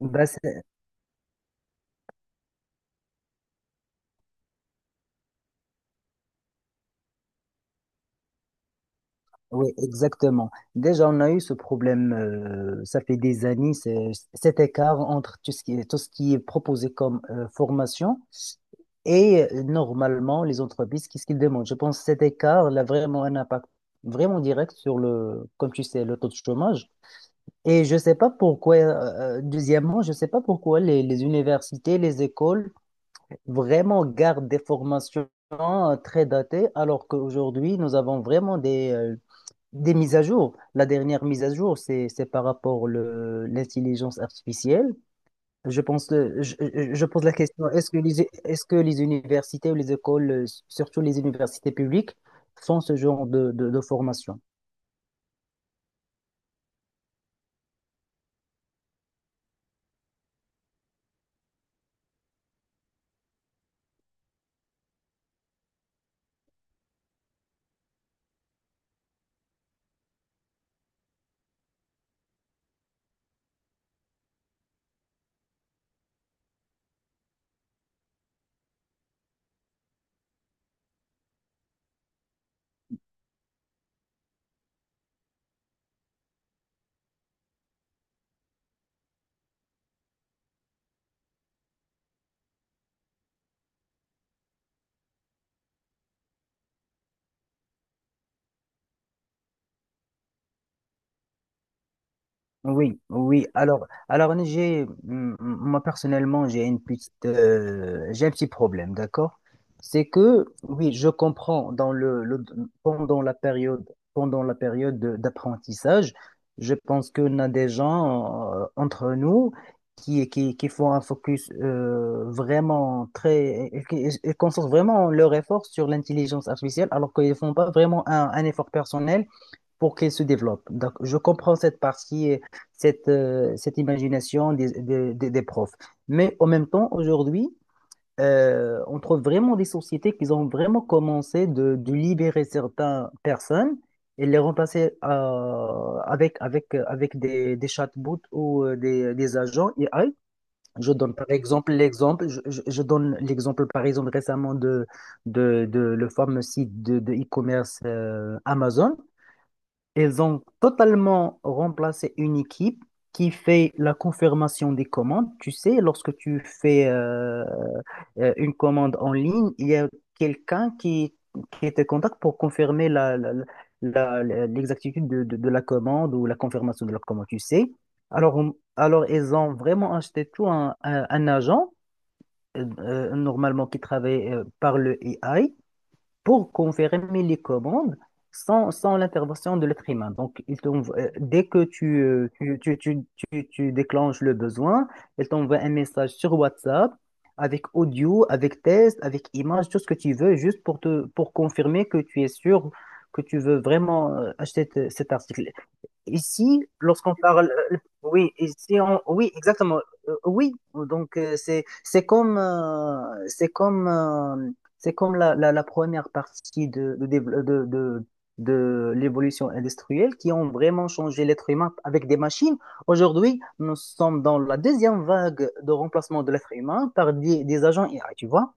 Bah, oui, exactement. Déjà, on a eu ce problème, ça fait des années, cet écart entre tout ce qui est proposé comme formation et normalement les entreprises, qu'est-ce qu'ils demandent? Je pense que cet écart il a vraiment un impact vraiment direct sur le, comme tu sais, le taux de chômage. Et je sais pas pourquoi, deuxièmement, je sais pas pourquoi les universités, les écoles vraiment gardent des formations très datées alors qu'aujourd'hui, nous avons vraiment des mises à jour. La dernière mise à jour, c'est par rapport le l'intelligence artificielle. Je pense, je pose la question, est-ce que les universités ou les écoles, surtout les universités publiques, font ce genre de formation? Oui, oui. Alors, moi personnellement, j'ai un petit problème, d'accord? C'est que, oui, je comprends dans pendant la période, d'apprentissage, je pense qu'on a des gens entre nous qui font un focus ils concentrent vraiment leur effort sur l'intelligence artificielle, alors qu'ils ne font pas vraiment un effort personnel pour qu'elle se développe. Donc, je comprends cette partie, cette imagination des profs. Mais en même temps, aujourd'hui, on trouve vraiment des sociétés qui ont vraiment commencé de libérer certaines personnes et les remplacer avec des chatbots ou des agents AI. Je donne par exemple l'exemple, je donne l'exemple par exemple récemment de le fameux site de e-commerce Amazon. Ils ont totalement remplacé une équipe qui fait la confirmation des commandes. Tu sais, lorsque tu fais une commande en ligne, il y a quelqu'un qui te contacte pour confirmer l'exactitude de la commande ou la confirmation de la commande, tu sais. Alors, alors ils ont vraiment acheté tout un agent, normalement qui travaille par le AI pour confirmer les commandes sans l'intervention de l'être humain. Donc, dès que tu déclenches le besoin, il t'envoie un message sur WhatsApp avec audio, avec test, avec image, tout ce que tu veux, juste pour confirmer que tu es sûr que tu veux vraiment cet article. Ici, oui, oui, exactement. Oui. Donc c'est comme c'est comme la première partie de l'évolution industrielle qui ont vraiment changé l'être humain avec des machines. Aujourd'hui, nous sommes dans la deuxième vague de remplacement de l'être humain par des agents IA, tu vois?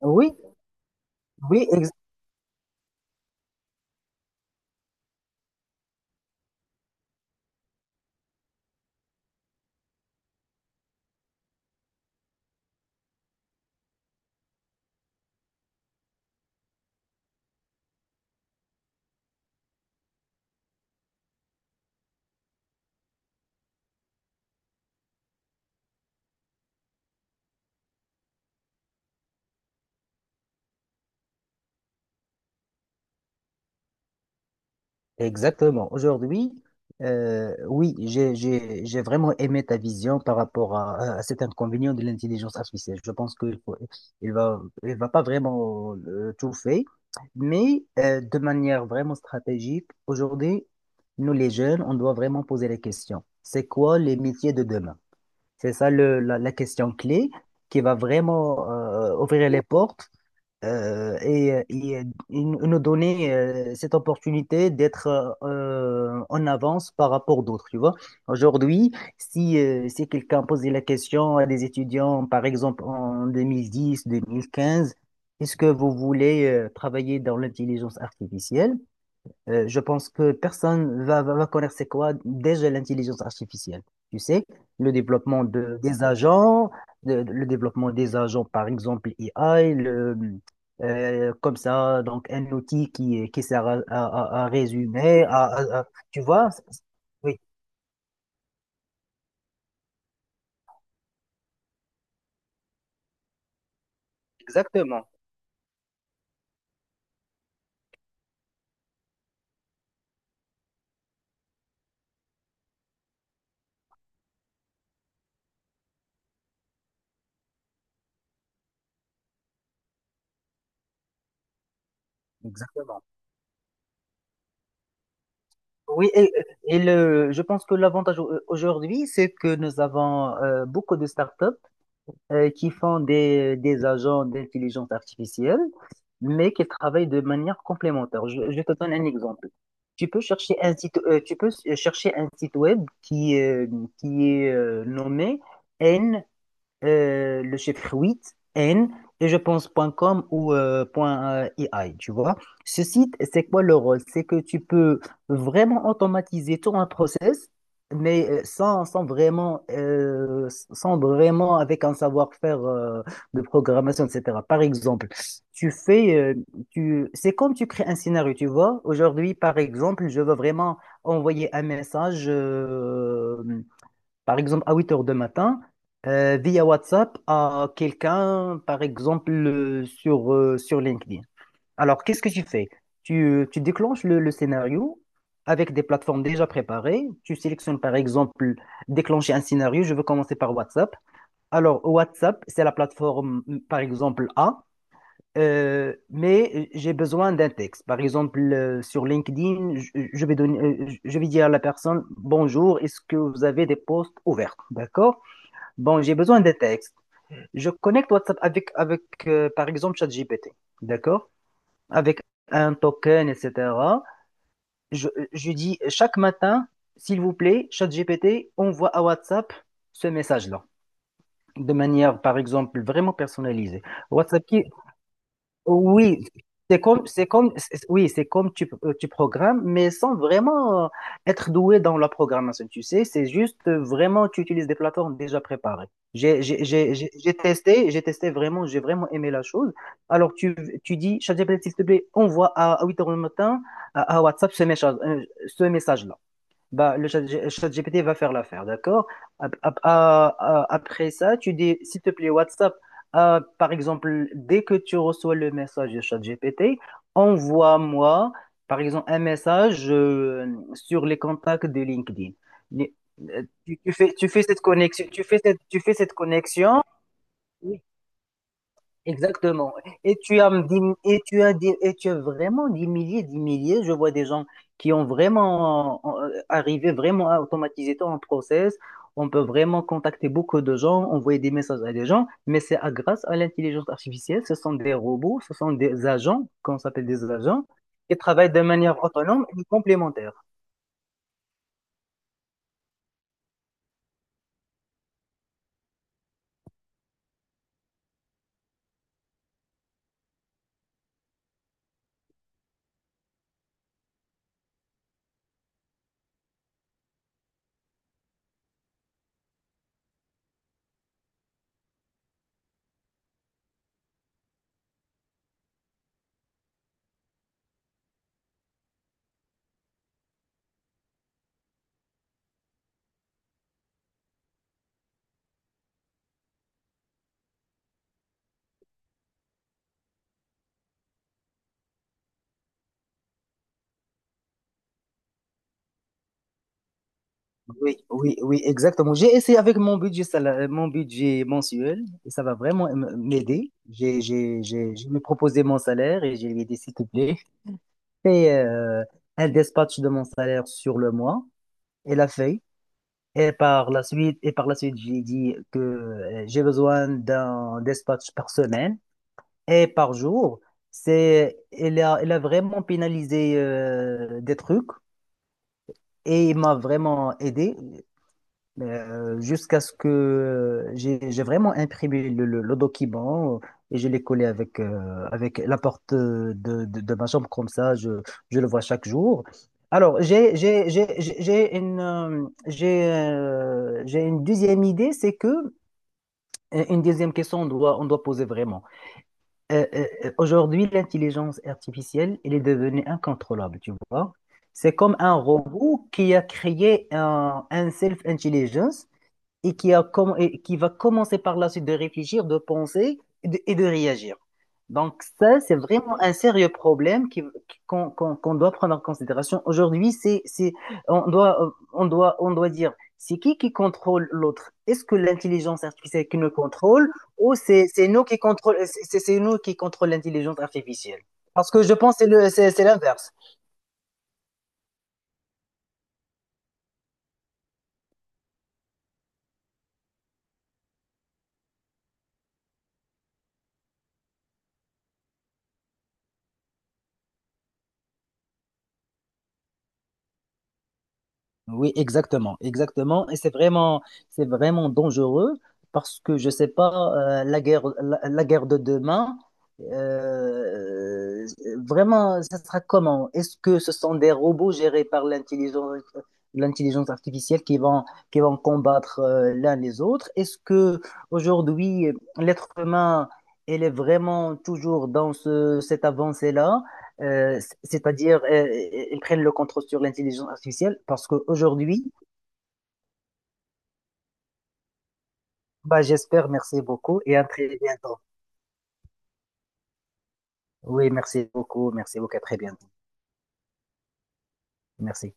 Oui, oui, exactement. Aujourd'hui, oui, j'ai vraiment aimé ta vision par rapport à cet inconvénient de l'intelligence artificielle. Je pense qu'il va pas vraiment tout faire, mais de manière vraiment stratégique, aujourd'hui, nous les jeunes, on doit vraiment poser la question. C'est quoi les métiers de demain? C'est ça la question clé qui va vraiment ouvrir les portes et nous nous donner cette opportunité d'être en avance par rapport d'autres, tu vois. Aujourd'hui, si quelqu'un posait la question à des étudiants, par exemple en 2010, 2015, est-ce que vous voulez travailler dans l'intelligence artificielle? Je pense que personne va connaître c'est quoi déjà l'intelligence artificielle. Tu sais, le développement des agents, le développement des agents, par exemple, AI, comme ça, donc un outil qui sert à résumer, tu vois? Oui, exactement, exactement. Oui, je pense que l'avantage aujourd'hui, c'est que nous avons beaucoup de startups qui font des agents d'intelligence artificielle, mais qui travaillent de manière complémentaire. Je te donne un exemple. Tu peux chercher un site web qui est nommé le chiffre 8 N, et je pense .com ou point, .ai, tu vois. Ce site, c'est quoi le rôle? C'est que tu peux vraiment automatiser tout un process, mais sans vraiment avec un savoir-faire de programmation, etc. Par exemple, tu fais, euh, c'est comme tu crées un scénario, tu vois. Aujourd'hui, par exemple, je veux vraiment envoyer un message. Par exemple, à 8 heures du matin, via WhatsApp à quelqu'un, par exemple, sur LinkedIn. Alors, qu'est-ce que tu fais? Tu, tu déclenches le scénario avec des plateformes déjà préparées. Tu sélectionnes, par exemple, déclencher un scénario. Je veux commencer par WhatsApp. Alors, WhatsApp, c'est la plateforme, par exemple, A. Mais j'ai besoin d'un texte. Par exemple, sur LinkedIn, je vais je vais dire à la personne, bonjour, est-ce que vous avez des postes ouverts? D'accord? Bon, j'ai besoin d'un texte. Je connecte WhatsApp avec par exemple, ChatGPT. D'accord? Avec un token, etc. Je dis chaque matin, s'il vous plaît, ChatGPT envoie à WhatsApp ce message-là. De manière, par exemple, vraiment personnalisée. WhatsApp qui, Oui, oui, c'est comme tu programmes, mais sans vraiment être doué dans la programmation, tu sais, c'est juste vraiment, tu utilises des plateformes déjà préparées. J'ai testé vraiment, j'ai vraiment aimé la chose. Alors, tu dis, ChatGPT, s'il te plaît, envoie à 8 heures le matin à WhatsApp ce message-là. Bah, le chat GPT va faire l'affaire, d'accord? Après ça, tu dis, s'il te plaît, WhatsApp, par exemple, dès que tu reçois le message de chat GPT, envoie-moi, par exemple, un message sur les contacts de LinkedIn. Les- tu fais cette connexion, tu fais cette connexion. Exactement. Et tu as, me dit- et tu as vraiment des milliers, des milliers. Je vois des gens qui ont vraiment arrivé vraiment à automatiser ton process. On peut vraiment contacter beaucoup de gens, envoyer des messages à des gens, mais grâce à l'intelligence artificielle. Ce sont des robots, ce sont des agents, qu'on s'appelle des agents, qui travaillent de manière autonome et complémentaire. Oui, oui, oui, exactement. J'ai essayé avec mon budget, mon budget mensuel et ça va vraiment m'aider. Je me ai proposé mon salaire et je lui ai dit, s'il te plaît, fais un dispatch de mon salaire sur le mois. Elle a fait. Et par la suite, j'ai dit que j'ai besoin d'un dispatch par semaine et par jour. Elle a vraiment pénalisé des trucs et il m'a vraiment aidé. Mais, jusqu'à ce que j'ai vraiment imprimé le document et je l'ai collé avec la porte de ma chambre, comme ça, je le vois chaque jour. Alors, j'ai une deuxième idée, c'est que, une deuxième question, on doit poser vraiment. Aujourd'hui, l'intelligence artificielle, elle est devenue incontrôlable, tu vois. C'est comme un robot qui a créé un self-intelligence et qui et qui va commencer par la suite de réfléchir, de penser et de réagir. Donc ça, c'est vraiment un sérieux problème qu'on doit prendre en considération. Aujourd'hui, on doit dire, c'est qui contrôle l'autre? Est-ce que l'intelligence artificielle qui nous contrôle ou c'est nous qui contrôle, c'est nous qui contrôle l'intelligence artificielle? Parce que je pense que c'est le- c'est l'inverse. Oui, exactement, exactement. Et c'est vraiment dangereux parce que je sais pas, la guerre, la guerre de demain, euh, vraiment, ça sera comment? Est-ce que ce sont des robots gérés par l'intelligence artificielle qui vont, combattre l'un les autres? Est-ce que aujourd'hui, l'être humain, elle est vraiment toujours dans cette avancée-là? C'est-à-dire ils prennent le contrôle sur l'intelligence artificielle parce qu'aujourd'hui, bah, j'espère, merci beaucoup et à très bientôt. Oui, merci beaucoup, à très bientôt. Merci.